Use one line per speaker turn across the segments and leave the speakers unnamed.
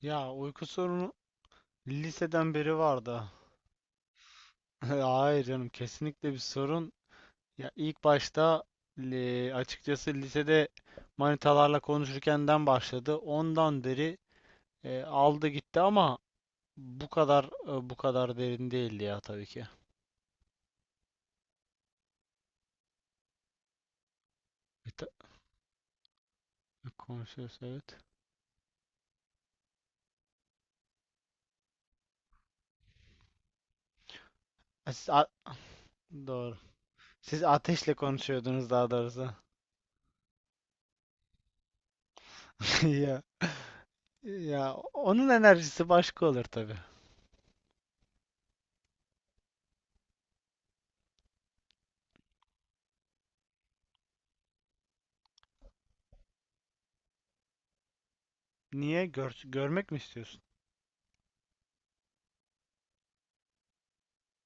Ya, uyku sorunu liseden beri vardı. Hayır canım, kesinlikle bir sorun. Ya ilk başta, açıkçası lisede manitalarla konuşurkenden başladı. Ondan beri aldı gitti ama bu kadar derin değildi ya, tabii ki. E, ta- Konuşuyoruz, evet. E, siz a- doğru. Siz ateşle konuşuyordunuz daha doğrusu. Ya ya onun enerjisi başka olur tabii. Niye? Görmek mi istiyorsun?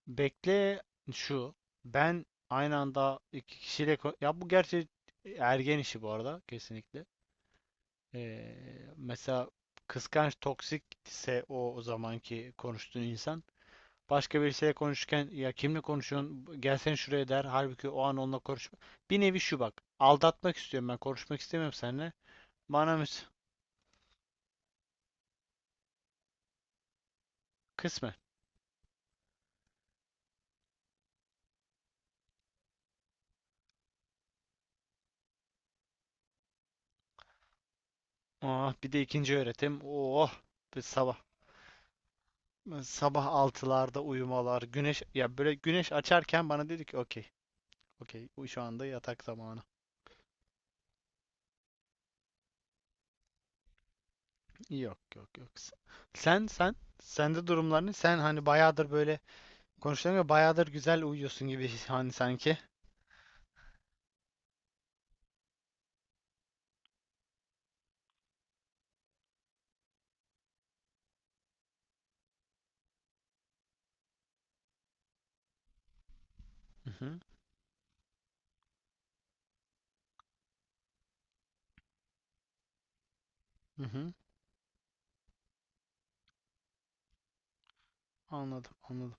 Bekle şu. Ben aynı anda iki kişiyle ya, bu gerçi ergen işi bu arada, kesinlikle. Ee, Mesela kıskanç toksikse, o zamanki konuştuğun insan başka birisiyle konuşurken, ya kimle konuşuyorsun, gelsene şuraya der, halbuki o an onunla konuşma. Bir nevi şu: bak, aldatmak istiyorum, ben konuşmak istemiyorum seninle. Bana mı? Kısmen. Ah, bir de ikinci öğretim. Oh, bir sabah. Sabah 6'larda uyumalar, güneş, ya böyle güneş açarken bana dedi ki okey. Okey, şu anda yatak zamanı. Yok, yok, yok. Sende durumlarını, sen hani bayağıdır böyle konuşuyorum ya, bayağıdır güzel uyuyorsun gibi, hani, sanki. Hı hı. Hı hı. Anladım, anladım.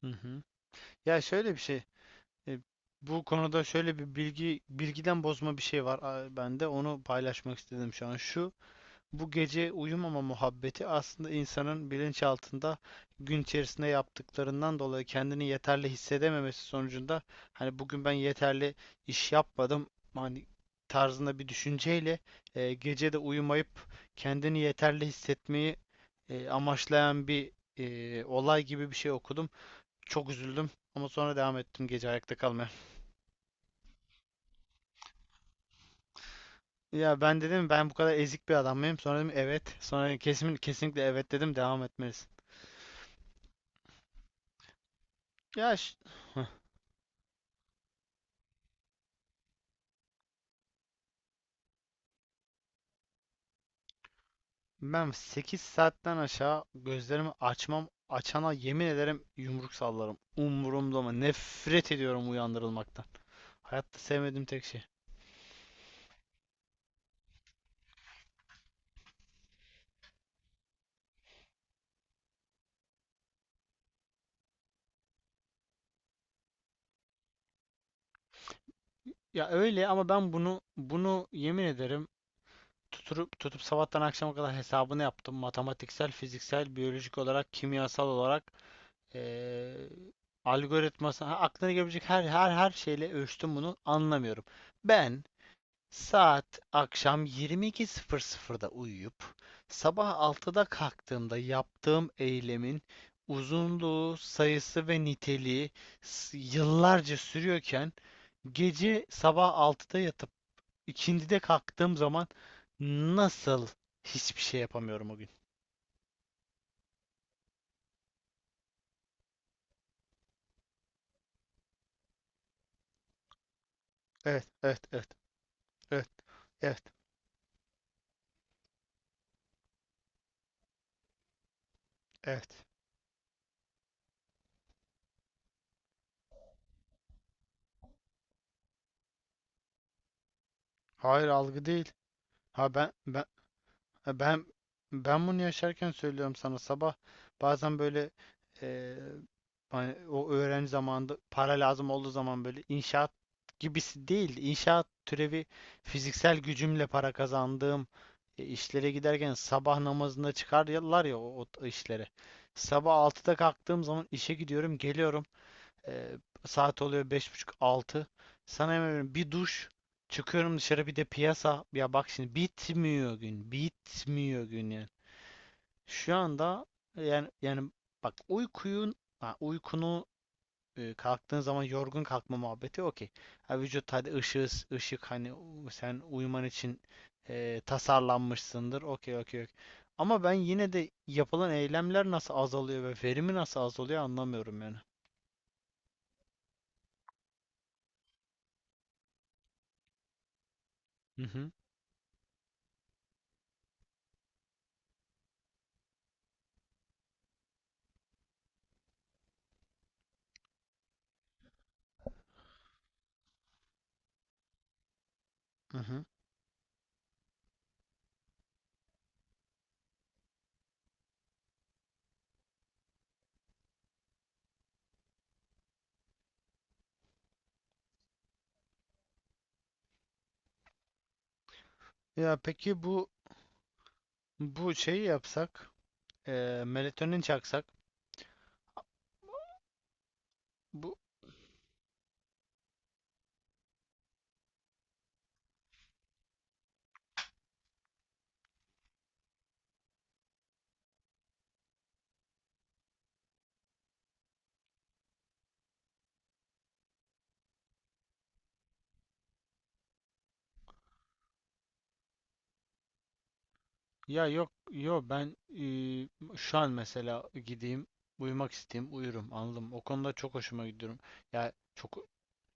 Hı hı. Ya şöyle bir şey. e, Bu konuda şöyle bir bilgi, bilgiden bozma bir şey var bende. Onu paylaşmak istedim şu an. Bu gece uyumama muhabbeti aslında insanın bilinçaltında, gün içerisinde yaptıklarından dolayı kendini yeterli hissedememesi sonucunda, hani bugün ben yeterli iş yapmadım hani tarzında bir düşünceyle, gece de uyumayıp kendini yeterli hissetmeyi amaçlayan bir olay gibi bir şey okudum. Çok üzüldüm, ama sonra devam ettim gece ayakta kalmaya. Ya, ben dedim, ben bu kadar ezik bir adam mıyım? Sonra dedim evet. Sonra kesinlikle evet dedim, devam etmelisin. Ya Ben 8 saatten aşağı gözlerimi açmam, açana yemin ederim yumruk sallarım. Umurumda mı? Nefret ediyorum uyandırılmaktan. Hayatta sevmediğim tek şey. Ya öyle, ama ben bunu yemin ederim tutup tutup sabahtan akşama kadar hesabını yaptım. Matematiksel, fiziksel, biyolojik olarak, kimyasal olarak, eee algoritması, aklına gelebilecek her şeyle ölçtüm, bunu anlamıyorum. Ben Saat akşam 22.00'da uyuyup sabah 6'da kalktığımda yaptığım eylemin uzunluğu, sayısı ve niteliği yıllarca sürüyorken, gece sabah 6'da yatıp ikindide kalktığım zaman nasıl hiçbir şey yapamıyorum o gün? Evet, evet, evet, evet, evet, evet. Hayır, algı değil. Ha ben ben Ha, Ben ben bunu yaşarken söylüyorum sana. Sabah bazen böyle, eee, hani o öğrenci zamanında para lazım olduğu zaman, böyle inşaat gibisi değil, inşaat türevi, fiziksel gücümle para kazandığım işlere giderken, sabah namazında çıkarlar ya o işlere. Sabah 6'da kalktığım zaman işe gidiyorum, geliyorum, ee, saat oluyor beş buçuk, altı. Sana yemin ediyorum, bir duş, çıkıyorum dışarı, bir de piyasa. Ya bak, şimdi bitmiyor gün. Bitmiyor gün yani. Şu anda, yani bak, uykunu kalktığın zaman yorgun kalkma muhabbeti, okey. Ha, Vücut, hadi, ışık ışık, hani sen uyuman için tasarlanmışsındır. Okey, okey, okey. Ama ben yine de yapılan eylemler nasıl azalıyor ve verimi nasıl azalıyor anlamıyorum yani. Hı hı. Hı hı. Ya peki bu şeyi yapsak, melatonin çaksak. Bu ya, yok yok, ben, şu an mesela gideyim, uyumak isteyeyim, uyurum, anladım. O konuda çok hoşuma gidiyorum. Ya, çok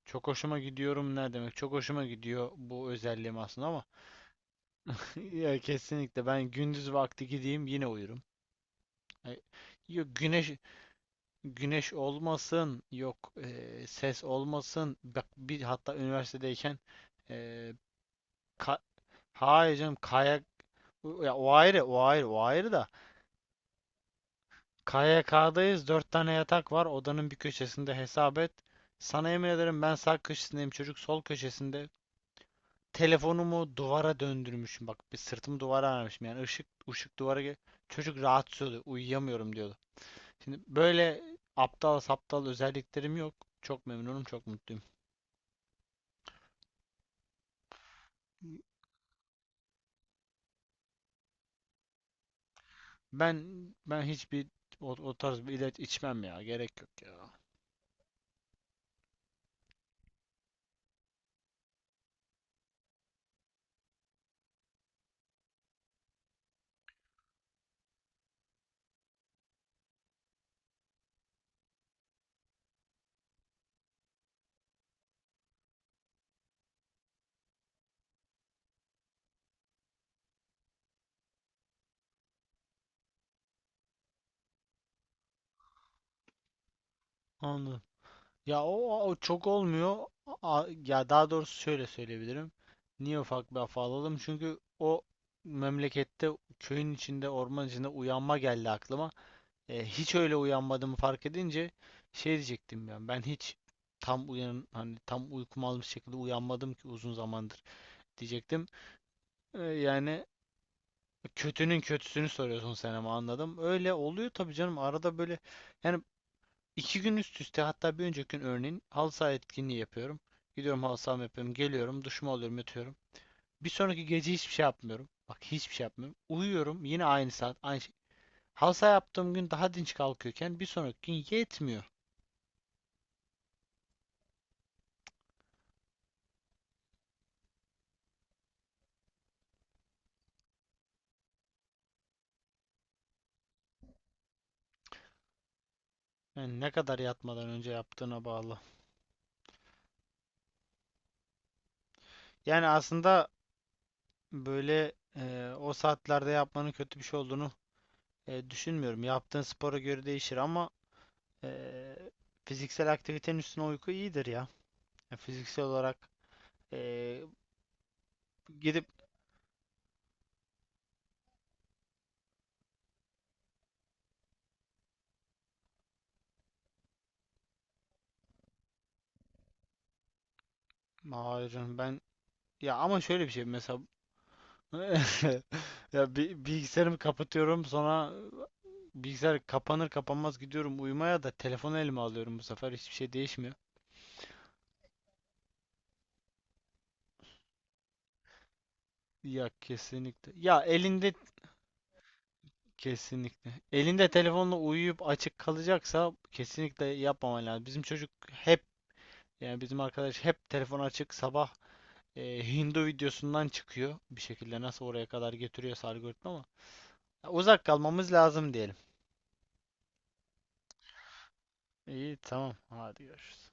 çok hoşuma gidiyorum ne demek? Çok hoşuma gidiyor bu özelliğim aslında, ama ya kesinlikle, ben gündüz vakti gideyim yine uyurum. E, Yok, güneş güneş olmasın, yok, ses olmasın. Bak bir, hatta üniversitedeyken, Eee, Ka hayır canım, kayak, ya o ayrı, o ayrı, o ayrı da KYK'dayız, dört tane yatak var odanın bir köşesinde, hesap et, sana yemin ederim ben sağ köşesindeyim, çocuk sol köşesinde, telefonumu duvara döndürmüşüm, bak bir, sırtımı duvara vermişim, yani ışık ışık duvara çocuk rahatsız oluyor uyuyamıyorum diyordu. Şimdi böyle aptal saptal özelliklerim yok, çok memnunum, çok mutluyum. Ben ben hiçbir o tarz bir ilaç içmem ya, gerek yok ya. Anladım. Ya o çok olmuyor. Ya daha doğrusu şöyle söyleyebilirim. Niye ufak bir afa alalım? Çünkü o memlekette, köyün içinde, orman içinde uyanma geldi aklıma. Hiç öyle uyanmadığımı fark edince, şey diyecektim ben. Ben hiç tam uyan hani tam uykumu almış şekilde uyanmadım ki uzun zamandır diyecektim. Yani, kötünün kötüsünü soruyorsun sen ama, anladım. Öyle oluyor tabii canım. Arada böyle, yani, 2 gün üst üste, hatta bir önceki gün örneğin halı saha etkinliği yapıyorum. Gidiyorum halı sahama, yapıyorum. Geliyorum, duşumu alıyorum, yatıyorum. Bir sonraki gece hiçbir şey yapmıyorum. Bak, hiçbir şey yapmıyorum. Uyuyorum yine aynı saat, aynı şey. Halı saha yaptığım gün daha dinç kalkıyorken, bir sonraki gün yetmiyor. Yani ne kadar yatmadan önce yaptığına bağlı. Yani aslında böyle o saatlerde yapmanın kötü bir şey olduğunu düşünmüyorum. Yaptığın spora göre değişir, ama e, fiziksel aktivitenin üstüne uyku iyidir ya. Yani fiziksel olarak, e, gidip, hayır canım ben, ya, ama şöyle bir şey mesela ya bilgisayarımı kapatıyorum, sonra bilgisayar kapanır kapanmaz gidiyorum uyumaya, da telefonu elime alıyorum bu sefer, hiçbir şey değişmiyor. Ya kesinlikle. Ya elinde, kesinlikle. Elinde telefonla uyuyup açık kalacaksa kesinlikle yapmaman lazım. Bizim çocuk hep, yani bizim arkadaş hep telefon açık sabah, Hindu videosundan çıkıyor bir şekilde, nasıl oraya kadar getiriyorsa algoritma, ama ya uzak kalmamız lazım diyelim. İyi tamam. Hadi görüşürüz.